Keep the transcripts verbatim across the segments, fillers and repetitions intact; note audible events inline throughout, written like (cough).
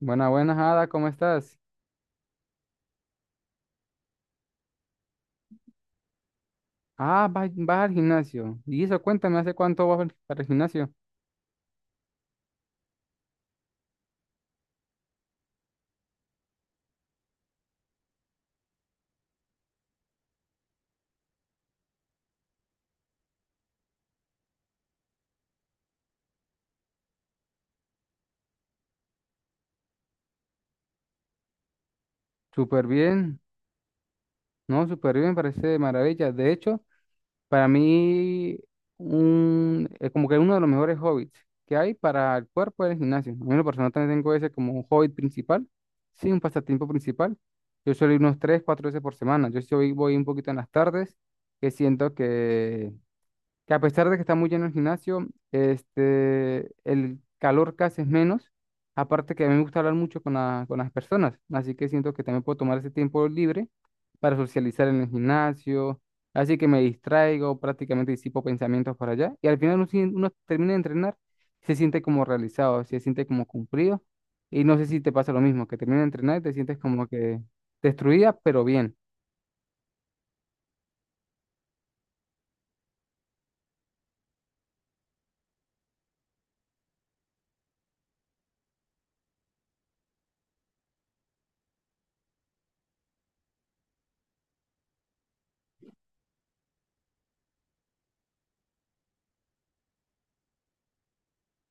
Buenas, buenas, Ada, ¿cómo estás? Ah, vas, vas al gimnasio. Y eso, cuéntame, ¿hace cuánto vas al- para el gimnasio? Súper bien, no, súper bien, parece de maravilla. De hecho, para mí, un, es como que uno de los mejores hobbies que hay para el cuerpo es el gimnasio. A mí, en lo personal, también tengo ese como un hobby principal, sí, un pasatiempo principal. Yo suelo ir unos tres, cuatro veces por semana. Yo sí voy voy un poquito en las tardes, que siento que que a pesar de que está muy lleno el gimnasio, este, el calor casi es menos. Aparte que a mí me gusta hablar mucho con, la- con las personas, así que siento que también puedo tomar ese tiempo libre para socializar en el gimnasio, así que me distraigo, prácticamente disipo pensamientos para allá y al final uno, sien- uno termina de entrenar, se siente como realizado, se siente como cumplido y no sé si te pasa lo mismo, que termina de entrenar y te sientes como que destruida, pero bien.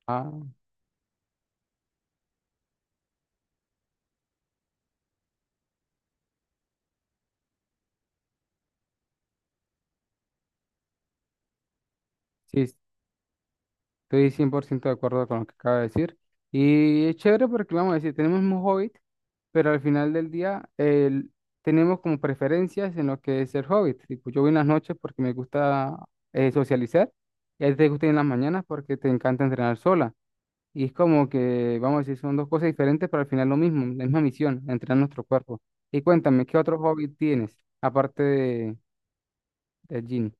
Ah, sí, estoy cien por ciento de acuerdo con lo que acaba de decir. Y es chévere porque, vamos a decir, tenemos un hobbit, pero al final del día el- tenemos como preferencias en lo que es el hobbit. Tipo, yo voy en las noches porque me gusta eh, socializar, y a ti te gusta ir en las mañanas porque te encanta entrenar sola. Y es como que, vamos a decir, son dos cosas diferentes, pero al final lo mismo, la misma misión, entrenar nuestro cuerpo. Y cuéntame, ¿qué otro hobbit tienes aparte de, del gym?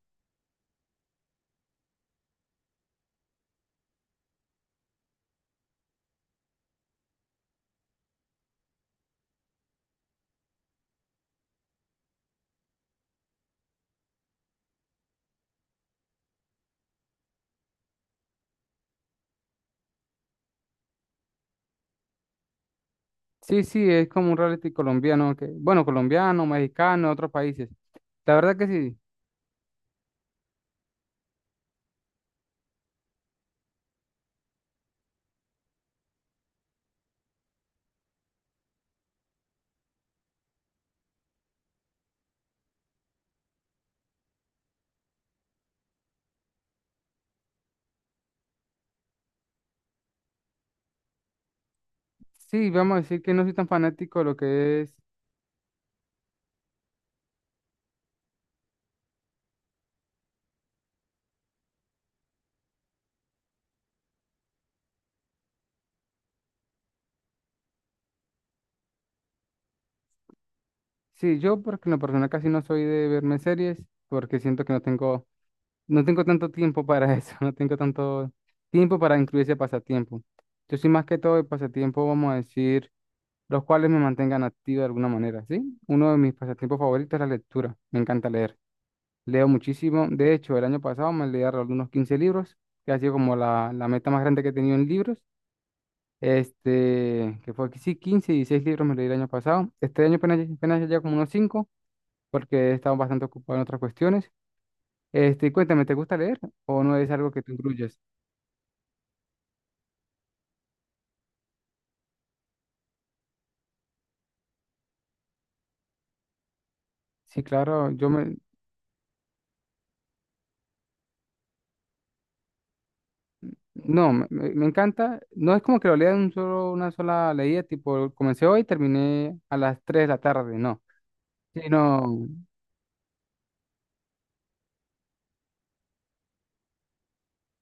Sí, sí, es como un reality colombiano, que, bueno, colombiano, mexicano, otros países. La verdad que sí, sí, vamos a decir que no soy tan fanático de lo que es. Sí, yo porque en lo personal casi no soy de verme series, porque siento que no tengo, no tengo tanto tiempo para eso, (laughs) no tengo tanto tiempo para incluir ese pasatiempo. Yo soy más que todo de pasatiempo, vamos a decir, los cuales me mantengan activo de alguna manera, ¿sí? Uno de mis pasatiempos favoritos es la lectura, me encanta leer. Leo muchísimo. De hecho, el año pasado me leí alrededor de unos quince libros, que ha sido como la, la meta más grande que he tenido en libros. Este, que fue que sí, quince y dieciséis libros me leí el año pasado. Este año apenas, apenas ya como unos cinco, porque he estado bastante ocupado en otras cuestiones. Este, y cuéntame, ¿te gusta leer o no es algo que te incluyes? Sí, claro, yo me... No, me, me- me encanta. No es como que lo lea en un solo, una sola leída, tipo, comencé hoy y terminé a las tres de la tarde, no. Sino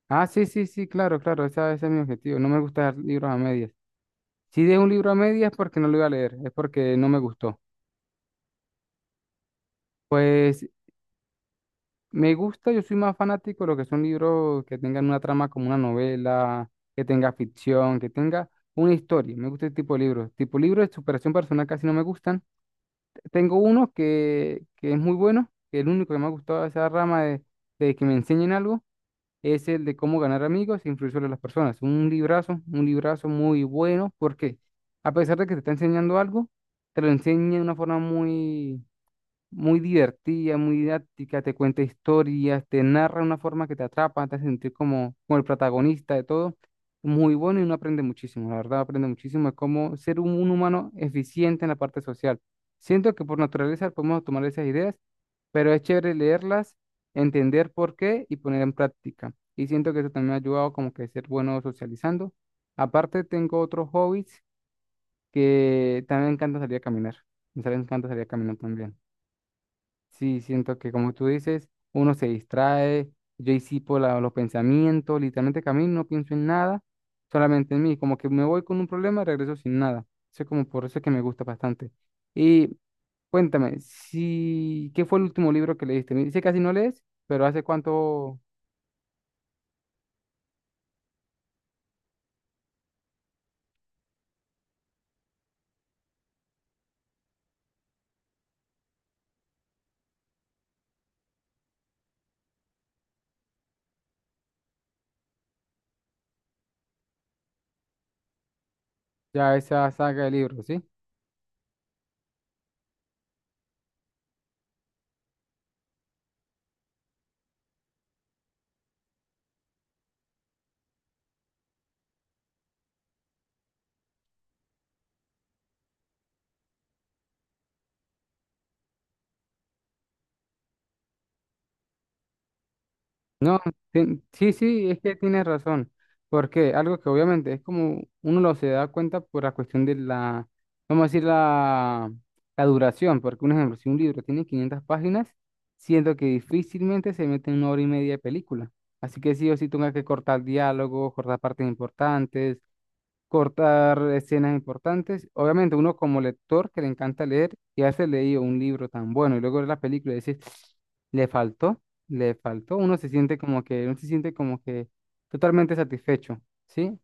ah, sí, sí, sí, claro, claro, esa- ese es mi objetivo. No me gusta dar libros a medias. Si de un libro a medias es porque no lo iba a leer, es porque no me gustó. Pues me gusta, yo soy más fanático de lo que son libros que tengan una trama como una novela, que tenga ficción, que tenga una historia. Me gusta ese tipo de libros. Tipo libros de superación personal casi no me gustan. Tengo uno que, que es muy bueno, que es el único que me ha gustado de esa rama de, de que me enseñen algo es el de cómo ganar amigos e influir sobre las personas. Un librazo, un librazo muy bueno, porque a pesar de que te está enseñando algo, te lo enseña de una forma muy, muy divertida, muy didáctica, te cuenta historias, te narra de una forma que te atrapa, te hace sentir como, como el protagonista de todo. Muy bueno y uno aprende muchísimo, la verdad, aprende muchísimo de cómo ser un, un humano eficiente en la parte social. Siento que por naturaleza podemos tomar esas ideas, pero es chévere leerlas, entender por qué y poner en práctica. Y siento que eso también me ha ayudado como que a ser bueno socializando. Aparte, tengo otros hobbies que también me encanta salir a caminar. Me sale- me encanta salir a caminar también. Sí, siento que como tú dices, uno se distrae, yo disipo la- los pensamientos, literalmente camino, no pienso en nada, solamente en mí, como que me voy con un problema y regreso sin nada. Eso es como por eso es que me gusta bastante. Y cuéntame, si, ¿qué fue el último libro que leíste? Me dice que casi no lees, pero ¿hace cuánto ya esa saga de libros, sí? No, tien- sí, sí, es que tienes razón, porque algo que obviamente es como uno lo se da cuenta por la cuestión de la, vamos a decir, la, la duración, porque un ejemplo, si un libro tiene quinientas páginas, siento que difícilmente se mete en una hora y media de película, así que sí o sí tenga que cortar diálogos, cortar partes importantes, cortar escenas importantes. Obviamente, uno como lector que le encanta leer y hace leído un libro tan bueno y luego ver la película y decir, le faltó, le faltó, uno se siente como que, uno se siente como que totalmente satisfecho, ¿sí?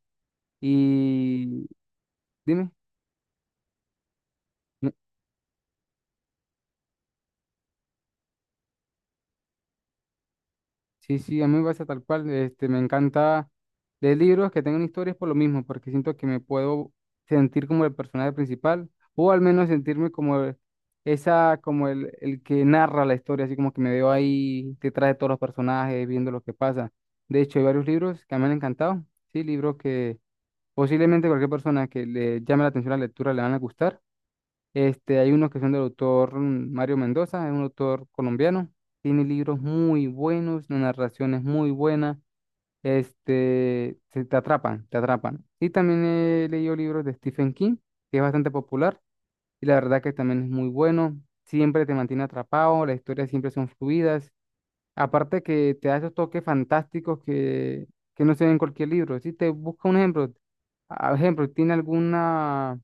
Y dime, sí, sí, a mí me pasa tal cual. Este, me encanta leer libros que tengan historias por lo mismo, porque siento que me puedo sentir como el personaje principal, o al menos sentirme como el- esa, como el, el que narra la historia, así como que me veo ahí detrás de todos los personajes, viendo lo que pasa. De hecho, hay varios libros que me han encantado, sí, libros que posiblemente cualquier persona que le llame la atención la lectura le van a gustar. Este, hay unos que son del autor mm, Mario Mendoza, es un autor colombiano. Tiene libros muy buenos, la narración es muy buena. Este, se te atrapan, te atrapan. Y también he leído libros de Stephen King, que es bastante popular, y la verdad que también es muy bueno. Siempre te mantiene atrapado, las historias siempre son fluidas. Aparte que te da esos toques fantásticos que, que no se ven en cualquier libro. Si te busca un ejemplo, a- ejemplo, ¿tiene alguna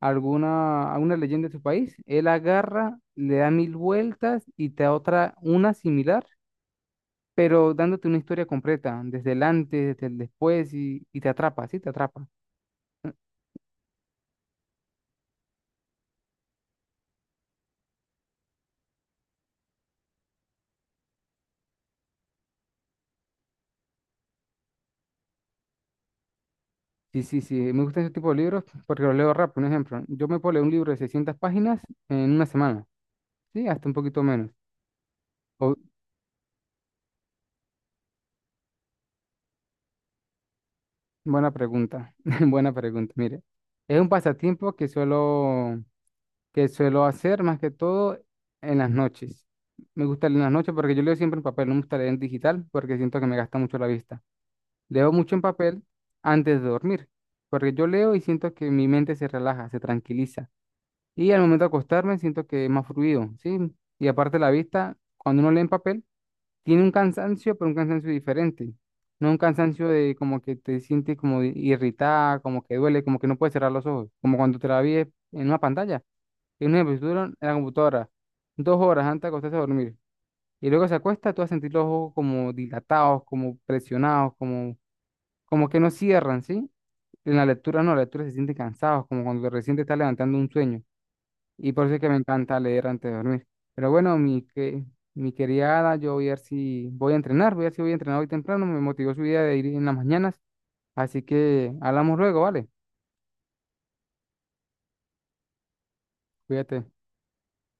alguna, alguna leyenda de su país, él agarra, le da mil vueltas y te da otra, una similar, pero dándote una historia completa, desde el antes, desde el después, y, y te atrapa, sí, te atrapa. Sí, sí, sí, me gustan ese tipo de libros porque los leo rápido. Un ejemplo, yo me puedo leer un libro de seiscientas páginas en una semana, sí, hasta un poquito menos. O- buena pregunta, (laughs) buena pregunta, mire. Es un pasatiempo que suelo que suelo hacer más que todo en las noches. Me gusta leer en las noches porque yo leo siempre en papel, no me gusta leer en digital porque siento que me gasta mucho la vista. Leo mucho en papel antes de dormir, porque yo leo y siento que mi mente se relaja, se tranquiliza. Y al momento de acostarme siento que es más fluido, ¿sí? Y aparte la vista, cuando uno lee en papel, tiene un cansancio, pero un cansancio diferente. No un cansancio de como que te sientes como irritada, como que duele, como que no puedes cerrar los ojos, como cuando te la vi en una pantalla. En un ejemplo, si tú duras en la computadora, dos horas antes de acostarse a dormir, y luego se acuesta, tú vas a sentir los ojos como dilatados, como presionados, como, como que no cierran, ¿sí? En la lectura no, la lectura se siente cansados, como cuando recién te estás levantando un sueño. Y por eso es que me encanta leer antes de dormir. Pero bueno, mi, que, mi querida Ada, yo voy a ver si voy a entrenar, voy a ver si voy a entrenar hoy temprano, me motivó su idea de ir en las mañanas, así que hablamos luego, ¿vale? Cuídate.